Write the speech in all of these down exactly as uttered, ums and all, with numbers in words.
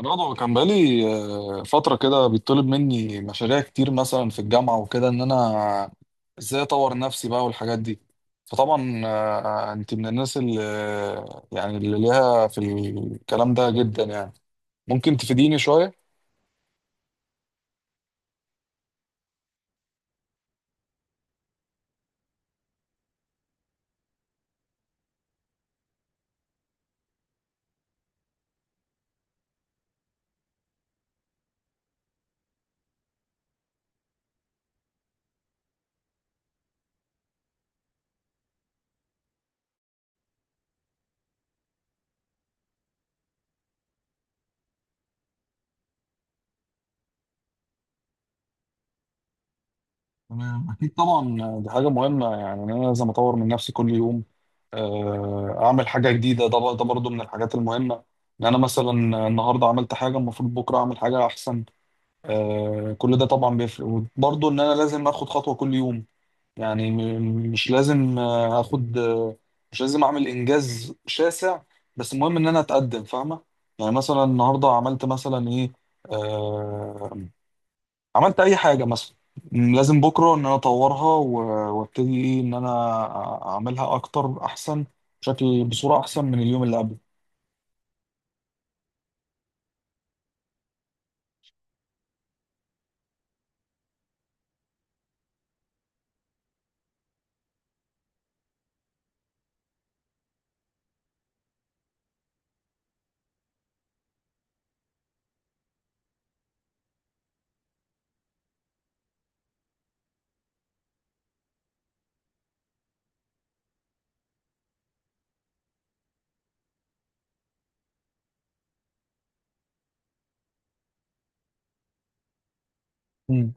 رضا كان بقالي آه، فترة كده بيطلب مني مشاريع كتير مثلا في الجامعة وكده إن أنا إزاي أطور نفسي بقى والحاجات دي. فطبعا آه، أنت من الناس اللي يعني اللي ليها في الكلام ده جدا يعني ممكن تفيديني شوية؟ تمام أكيد طبعا، آه، دي حاجة مهمة يعني إن أنا لازم أطور من نفسي كل يوم. آه، أعمل حاجة جديدة، ده بر- ده برضه من الحاجات المهمة إن أنا مثلا النهاردة عملت حاجة المفروض بكرة أعمل حاجة أحسن. آه، كل ده طبعا بيفرق وبرضه ان انا لازم اخد خطوه كل يوم. يعني م- مش لازم آه، اخد آه، مش لازم اعمل انجاز شاسع، بس المهم ان انا اتقدم، فاهمه. يعني مثلا النهارده عملت مثلا ايه، آه عملت اي حاجه مثلا، م- لازم بكره ان انا اطورها و- وابتدي ايه ان انا أ- اعملها اكتر احسن، بشكل بصوره احسن من اليوم اللي قبله. مم.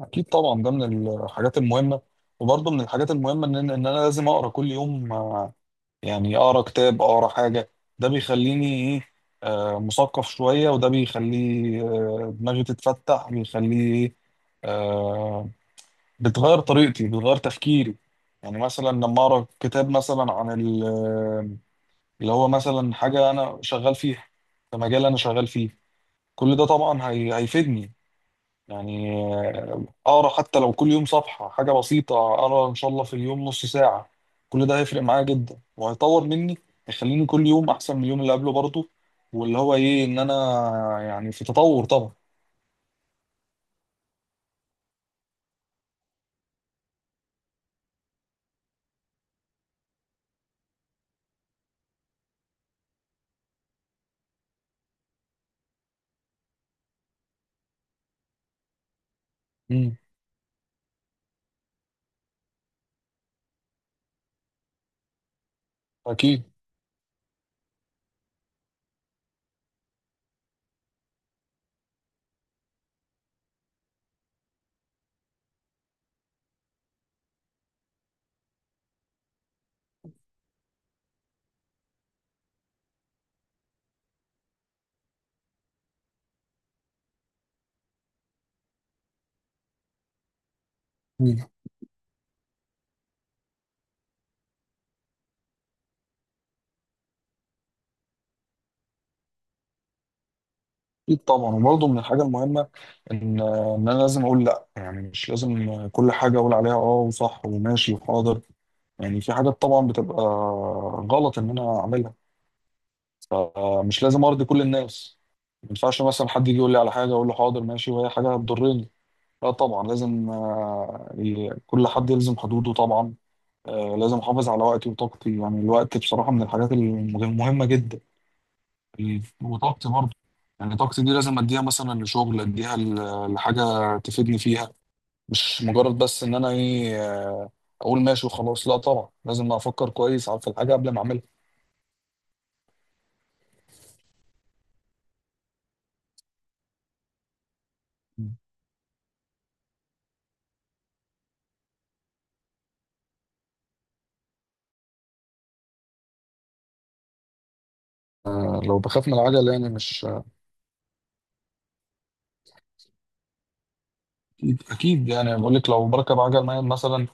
اكيد طبعا ده من الحاجات المهمه، وبرضه من الحاجات المهمه ان ان انا لازم اقرا كل يوم. آه، يعني اقرا كتاب، اقرا حاجه. ده بيخليني ايه، آه، مثقف شويه، وده بيخليه آه، دماغي تتفتح، بيخليه ايه، آه، بتغير طريقتي، بتغير تفكيري. يعني مثلا لما اقرا كتاب مثلا عن ال- آه، اللي هو مثلا حاجه انا شغال فيها، في مجال انا شغال فيه. كل ده طبعا هي- هيفيدني. يعني آه، اقرا حتى لو كل يوم صفحه، حاجه بسيطه، اقرا ان شاء الله في اليوم نص ساعه. كل ده هيفرق معايا جدا، وهيطور مني، يخليني كل يوم احسن من اليوم اللي قبله. برضه واللي هو ايه ان انا يعني في تطور طبعا. امم، اكيد. أمم. اكيد طبعا، وبرضه من الحاجه المهمه ان آه، ان انا لازم اقول لا. يعني مش لازم آه، كل حاجه اقول عليها اه وصح وماشي وحاضر. يعني في حاجات طبعا بتبقى غلط ان انا اعملها، فمش لازم ارضي كل الناس. ما ينفعش مثلا حد يجي يقول لي على حاجه اقول له حاضر ماشي وهي حاجه هتضرني. لا طبعا، لازم آه، ي- كل حد يلزم حدوده طبعا. آه، لازم احافظ على وقتي وطاقتي. يعني الوقت بصراحه من الحاجات الم- المهمه جدا، ال- وطاقتي برضه. يعني طاقتي دي لازم اديها مثلا لشغل، اديها ل- لحاجه تفيدني فيها. مش مجرد بس ان انا ايه، آه، اقول ماشي وخلاص. لا طبعا، لازم افكر كويس على في الحاجه قبل ما اعملها. آه، لو بخاف من العجل يعني مش، اكيد أكيد. يعني بقول لك لو بركب عجل نايم مثلا،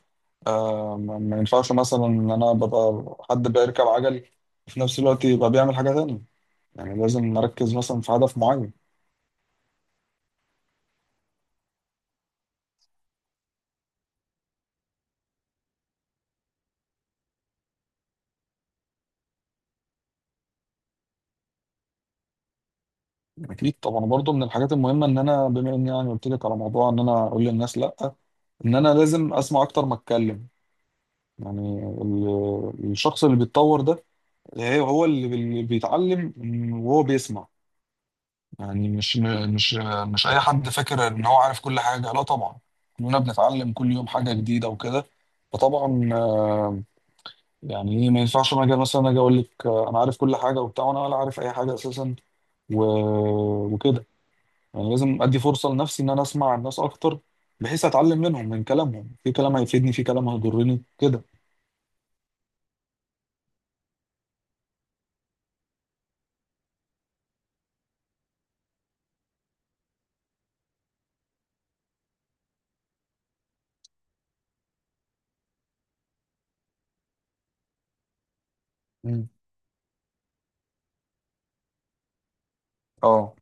آه ما ما ينفعش مثلا ان انا ببقى حد بيركب عجل وفي نفس الوقت يبقى بيعمل حاجه تانية. يعني لازم اركز مثلا في هدف معين. اكيد طبعا، برضو من الحاجات المهمه ان انا بما اني يعني قلت لك على موضوع ان انا اقول للناس لا، ان انا لازم اسمع اكتر ما اتكلم. يعني ال- الشخص اللي بيتطور ده هي- هو اللي بي- اللي بيتعلم وهو بيسمع. يعني مش م- مش مش اي حد فاكر ان هو عارف كل حاجه، لا طبعا. كلنا بنتعلم كل يوم حاجه جديده وكده. فطبعا آه، يعني ايه، ما ينفعش انا اجي مثلا اجي اقول لك آه، انا عارف كل حاجه وبتاع وانا ولا عارف اي حاجه اساسا و... وكده. يعني لازم ادي فرصه لنفسي ان انا اسمع الناس اكتر، بحيث اتعلم منهم، من كلامهم، في كلام هيفيدني، في كلام هيضرني كده. مم. اه،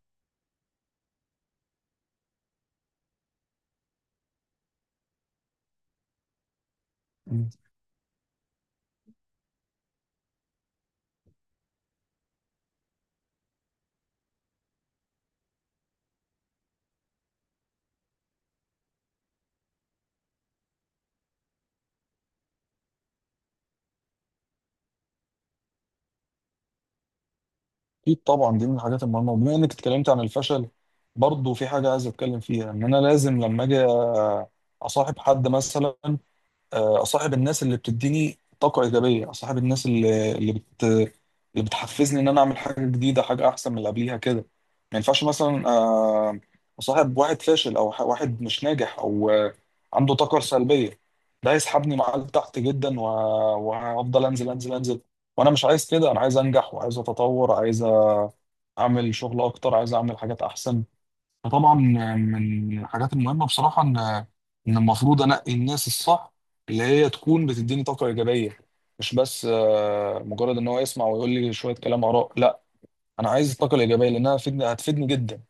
اكيد طبعا دي من الحاجات المهمه. وبما انك اتكلمت عن الفشل، برضه في حاجه عايز اتكلم فيها ان انا لازم لما اجي اصاحب حد مثلا، آه، اصاحب الناس اللي بتديني طاقه ايجابيه، اصاحب الناس اللي اللي بت اللي بتحفزني ان انا اعمل حاجه جديده، حاجه احسن من اللي قبليها كده. ما ينفعش مثلا آه، اصاحب واحد فاشل او ح- واحد مش ناجح او آه، عنده طاقه سلبيه. ده هيسحبني معاه لتحت جدا، و- وهفضل انزل انزل انزل. وانا مش عايز كده، انا عايز انجح، وعايز اتطور، عايز اعمل شغل اكتر، عايز اعمل حاجات احسن. فطبعا من الحاجات المهمه بصراحه ان ان المفروض انقي الناس الصح، اللي هي تكون بتديني طاقه ايجابيه. مش بس آه، مجرد ان هو يسمع ويقول لي شويه كلام، اراء، لا. انا عايز الطاقه الايجابيه لانها هتفيدني، هتفيدني جدا.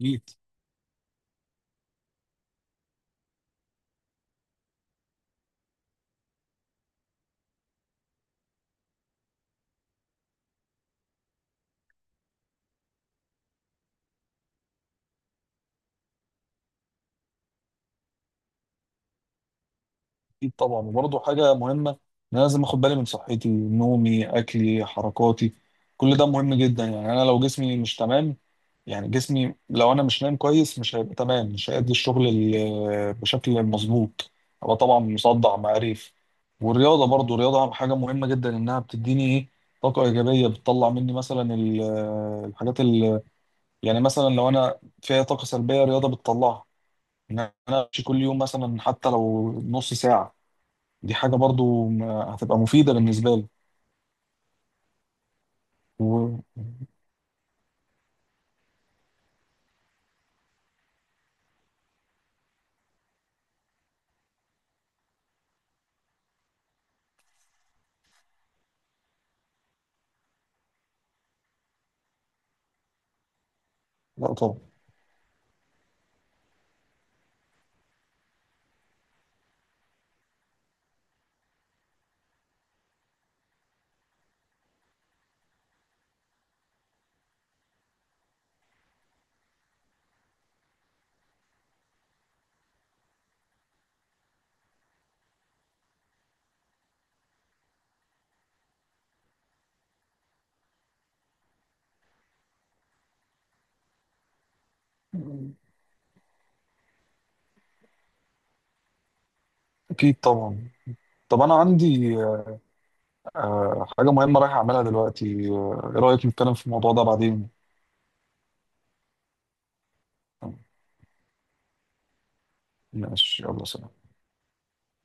أكيد. اكيد طبعا، وبرضه حاجه مهمه ان انا لازم اخد بالي من صحتي، نومي، اكلي، حركاتي. كل ده مهم جدا. يعني انا لو جسمي مش تمام، يعني جسمي لو انا مش نايم كويس، مش هيبقى تمام، مش هيأدي الشغل ال- آه، بشكل مظبوط. هبقى طبعا مصدع معرف. والرياضه برضو، الرياضه حاجه مهمه جدا، انها بتديني ايه، طاقه ايجابيه، بتطلع مني مثلا ال- آه، الحاجات ال، يعني مثلا لو انا فيها طاقه سلبيه الرياضه بتطلعها. ان انا امشي كل يوم مثلا حتى لو نص ساعه، دي حاجة برضو ما- هتبقى مفيدة بالنسبة لي. و... لا طبعا، أكيد طبعا. طب أنا عندي آه، حاجة مهمة رايح أعملها دلوقتي. آه، إيه رأيك نتكلم في الموضوع ده بعدين؟ ماشي، يلا سلام.